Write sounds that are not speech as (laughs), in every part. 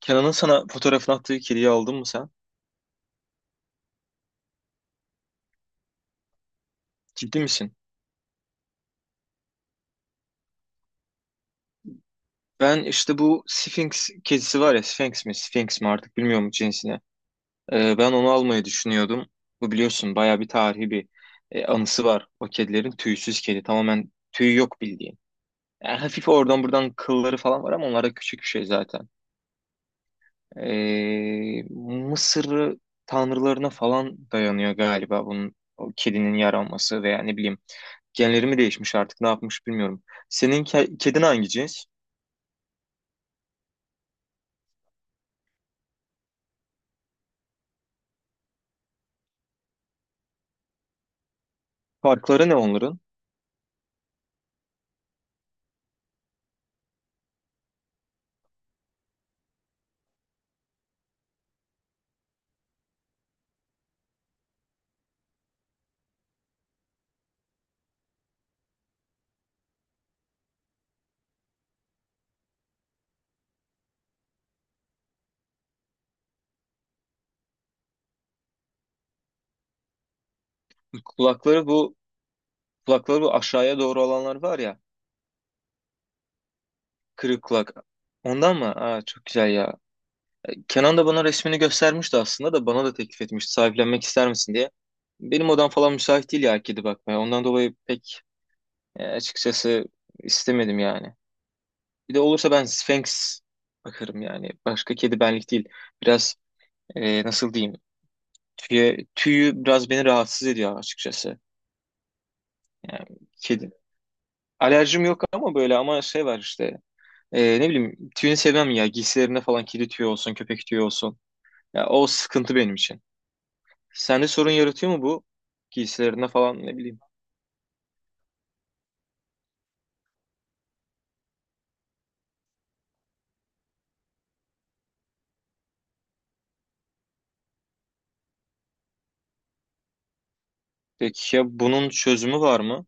Kenan'ın sana fotoğrafını attığı kediyi aldın mı sen? Ciddi misin? Ben işte bu Sphinx kedisi var ya, Sphinx mi Sphinx mi artık bilmiyorum cinsine. Ben onu almayı düşünüyordum. Bu biliyorsun bayağı bir tarihi bir anısı var. O kedilerin tüysüz kedi, tamamen tüy yok bildiğin. Yani hafif oradan buradan kılları falan var ama onlar da küçük bir şey zaten. Ee, Mısır tanrılarına falan dayanıyor galiba bunun, o kedinin yaranması veya ne bileyim. Genleri mi değişmiş artık, ne yapmış bilmiyorum. Senin kedin hangi cins? Farkları ne onların? Kulakları bu, kulakları bu aşağıya doğru olanlar var ya, kırık kulak. Ondan mı? Aa, çok güzel ya. Kenan da bana resmini göstermişti aslında, da bana da teklif etmişti, sahiplenmek ister misin diye. Benim odam falan müsait değil ya kedi bakmaya. Ondan dolayı pek açıkçası istemedim yani. Bir de olursa ben Sphinx bakarım yani. Başka kedi benlik değil. Biraz nasıl diyeyim? Tüye, tüyü biraz beni rahatsız ediyor açıkçası. Yani kedi. Alerjim yok ama böyle, ama şey var işte. Ne bileyim tüyünü sevmem ya. Giysilerinde falan kedi tüyü olsun, köpek tüyü olsun. Ya, o sıkıntı benim için. Sende sorun yaratıyor mu bu? Giysilerinde falan, ne bileyim. Peki ya bunun çözümü var mı?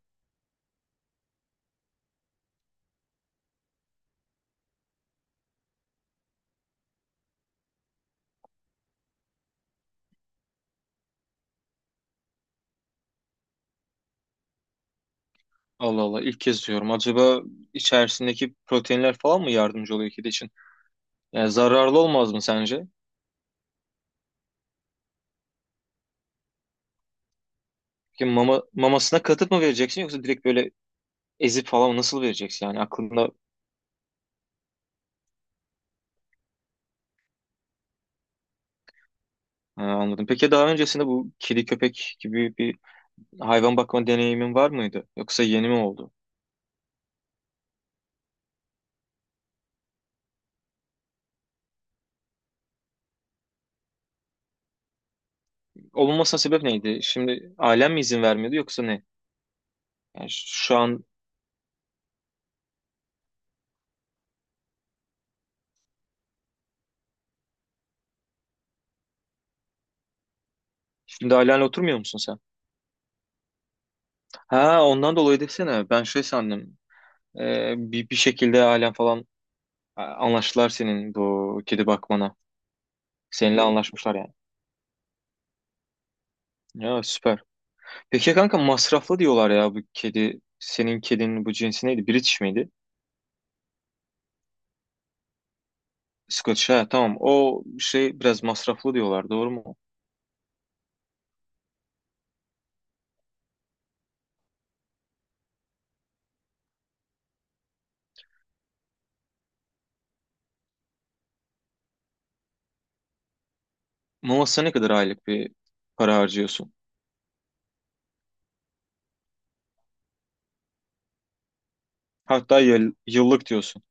Allah Allah, ilk kez diyorum. Acaba içerisindeki proteinler falan mı yardımcı oluyor kedi için? Yani zararlı olmaz mı sence? Peki mama, mamasına katıp mı vereceksin, yoksa direkt böyle ezip falan nasıl vereceksin? Yani aklında. Ha, anladım. Peki daha öncesinde bu kedi köpek gibi bir hayvan bakma deneyimin var mıydı? Yoksa yeni mi oldu? Olunmasına sebep neydi? Şimdi ailen mi izin vermiyordu, yoksa ne? Yani şu an, şimdi ailenle oturmuyor musun sen? Ha, ondan dolayı desene. Ben şey sandım. Bir şekilde ailen falan anlaştılar senin bu kedi bakmana. Seninle anlaşmışlar yani. Ya, süper. Peki kanka, masraflı diyorlar ya bu kedi. Senin kedinin bu cinsi neydi? British miydi? İskoç, ha, tamam. O şey biraz masraflı diyorlar, doğru mu? Novas'a ne kadar aylık bir para harcıyorsun? Hatta yıllık diyorsun.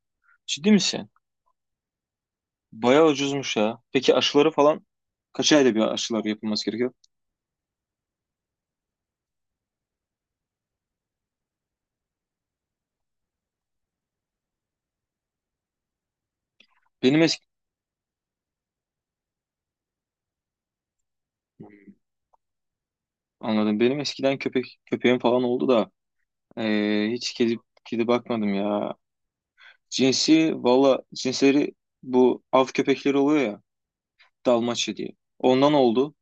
Ciddi misin? Bayağı ucuzmuş ya. Peki aşıları falan kaç ayda bir aşılar yapılması gerekiyor? Benim eski, anladım. Benim eskiden köpek, köpeğim falan oldu da hiç kedi, kedi bakmadım ya. Cinsi valla, cinsleri bu av köpekleri oluyor ya, Dalmaçya diye. Ondan oldu.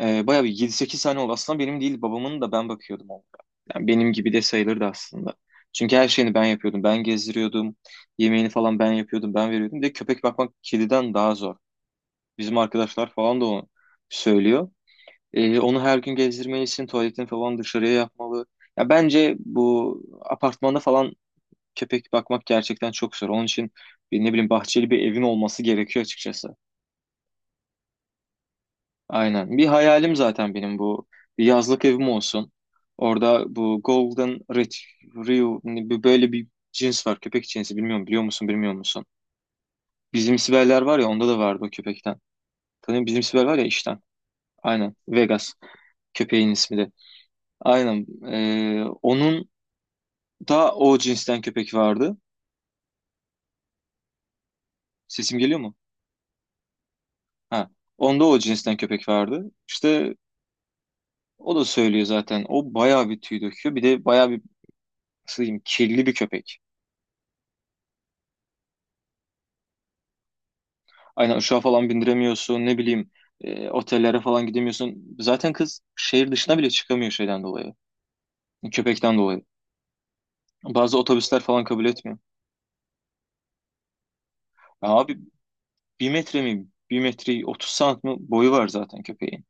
Bayağı bir yedi sekiz sene oldu. Aslında benim değil, babamın, da ben bakıyordum onlara. Yani benim gibi de sayılırdı aslında. Çünkü her şeyini ben yapıyordum. Ben gezdiriyordum. Yemeğini falan ben yapıyordum. Ben veriyordum. Bir de köpek bakmak kediden daha zor. Bizim arkadaşlar falan da onu söylüyor. Onu her gün gezdirmelisin. Tuvaletini falan dışarıya yapmalı. Ya bence bu apartmanda falan köpek bakmak gerçekten çok zor. Onun için bir, ne bileyim, bahçeli bir evin olması gerekiyor açıkçası. Aynen. Bir hayalim zaten benim bu. Bir yazlık evim olsun. Orada bu Golden Retriever böyle bir cins var. Köpek cinsi. Bilmiyorum, biliyor musun bilmiyor musun? Bizim Siberler var ya, onda da vardı o köpekten. Tanıyor, bizim Siber var ya işten. Aynen. Vegas. Köpeğin ismi de. Aynen. Onun da o cinsten köpek vardı. Sesim geliyor mu? Ha. Onda o cinsten köpek vardı. İşte o da söylüyor zaten. O bayağı bir tüy döküyor. Bir de bayağı bir, nasıl diyeyim, kirli bir köpek. Aynen, uçağa falan bindiremiyorsun, ne bileyim, otellere falan gidemiyorsun. Zaten kız şehir dışına bile çıkamıyor şeyden dolayı. Köpekten dolayı. Bazı otobüsler falan kabul etmiyor. Ya abi, bir metre mi? Bir metre 30 santim mi boyu var zaten köpeğin.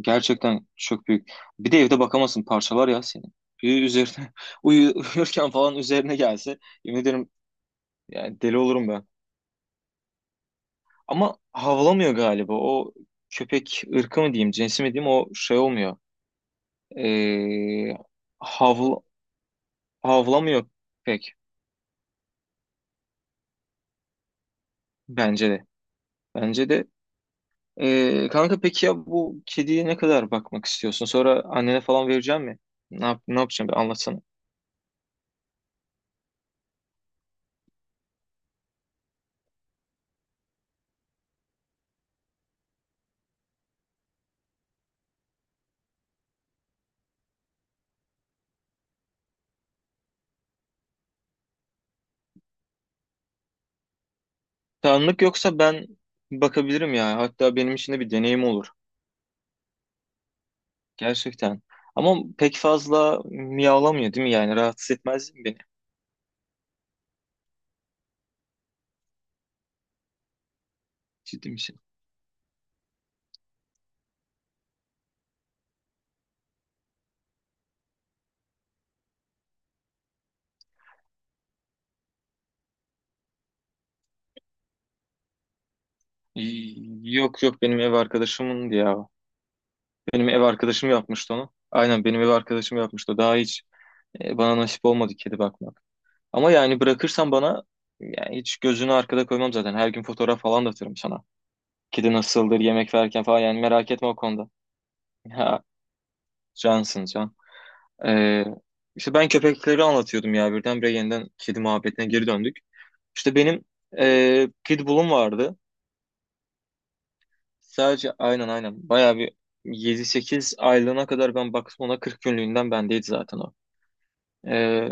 Gerçekten çok büyük. Bir de evde bakamazsın, parçalar ya senin. Bir üzerine (laughs) uyurken falan üzerine gelse, yemin ederim yani, deli olurum ben. Ama havlamıyor galiba. O köpek ırkı mı diyeyim, cinsi mi diyeyim, o şey olmuyor. Ee, havl havlamıyor pek, bence de. Bence de. Kanka, peki ya bu kediye ne kadar bakmak istiyorsun? Sonra annene falan vereceğim mi? Ne yap, ne yapacağım, bir anlatsana. Tanrılık yoksa ben bakabilirim ya. Hatta benim için de bir deneyim olur. Gerçekten. Ama pek fazla miyavlamıyor değil mi yani? Rahatsız etmez mi beni? Ciddi misin? Yok yok, benim ev arkadaşımındı ya. Benim ev arkadaşım yapmıştı onu. Aynen, benim ev arkadaşım yapmıştı. Daha iyi. E, bana nasip olmadı kedi bakmak. Ama yani bırakırsan bana, yani hiç gözünü arkada koymam zaten. Her gün fotoğraf falan da atarım sana. Kedi nasıldır yemek verirken falan, yani merak etme o konuda. (laughs) Ha, cansın can. Ee, işte ben köpekleri anlatıyordum ya, birdenbire yeniden kedi muhabbetine geri döndük. İşte benim Pitbull'um vardı. Sadece aynen, aynen bayağı bir yedi sekiz aylığına kadar ben baktım ona, 40 günlüğünden bendeydi zaten o. E,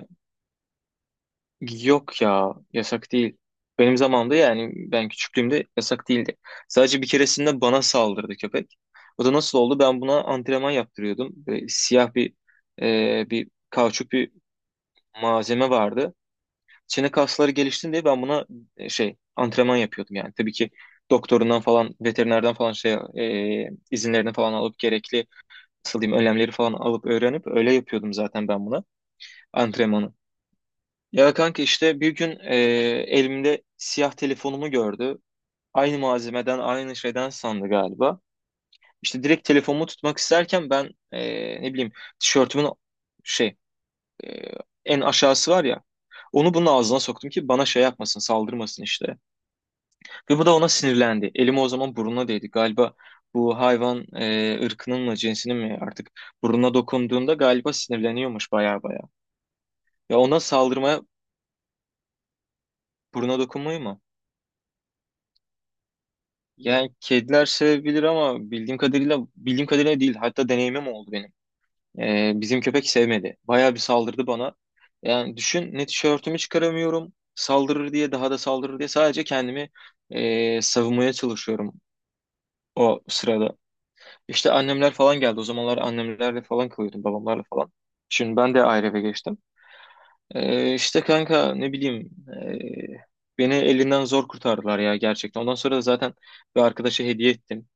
yok ya, yasak değil. Benim zamanımda, yani ben küçüklüğümde yasak değildi. Sadece bir keresinde bana saldırdı köpek. O da nasıl oldu? Ben buna antrenman yaptırıyordum. Böyle siyah bir bir kauçuk bir malzeme vardı. Çene kasları gelişsin diye ben buna şey antrenman yapıyordum yani. Tabii ki doktorundan falan, veterinerden falan, şey izinlerini falan alıp, gerekli, nasıl diyeyim, önlemleri falan alıp öğrenip öyle yapıyordum zaten ben buna antrenmanı. Ya kanka, işte bir gün elimde siyah telefonumu gördü. Aynı malzemeden, aynı şeyden sandı galiba. İşte direkt telefonumu tutmak isterken ben, ne bileyim, tişörtümün şey e, en aşağısı var ya. Onu bunun ağzına soktum ki bana şey yapmasın, saldırmasın işte. Ve bu da ona sinirlendi. Elimi, o zaman burnuna değdi. Galiba bu hayvan ırkının mı, cinsinin mi artık, burnuna dokunduğunda galiba sinirleniyormuş, baya baya. Ya ona saldırmaya, burnuna dokunmayı mı? Yani kediler sevebilir ama bildiğim kadarıyla, bildiğim kadarıyla değil. Hatta deneyimim oldu benim. Bizim köpek sevmedi. Bayağı bir saldırdı bana. Yani düşün, ne tişörtümü çıkaramıyorum. Saldırır diye, daha da saldırır diye sadece kendimi savunmaya çalışıyorum o sırada. İşte annemler falan geldi. O zamanlar annemlerle falan kalıyordum, babamlarla falan. Şimdi ben de ayrı eve geçtim. İşte kanka, ne bileyim, ee, beni elinden zor kurtardılar ya, gerçekten. Ondan sonra da zaten bir arkadaşa hediye ettim.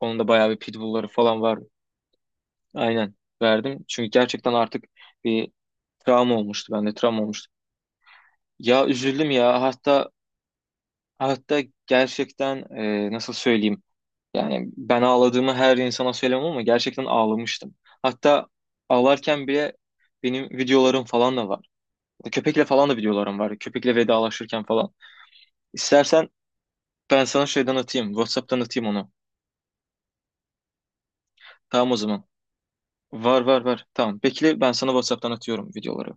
Onun da bayağı bir pitbullları falan var. Aynen, verdim. Çünkü gerçekten artık bir travma olmuştu bende, travma olmuştu. Ya üzüldüm ya, hatta gerçekten, nasıl söyleyeyim. Yani ben ağladığımı her insana söylemem ama gerçekten ağlamıştım. Hatta ağlarken bile benim videolarım falan da var. Köpekle falan da videolarım var. Köpekle vedalaşırken falan. İstersen ben sana şeyden atayım, WhatsApp'tan atayım onu. Tamam o zaman. Var var var. Tamam. Bekle, ben sana WhatsApp'tan atıyorum videoları.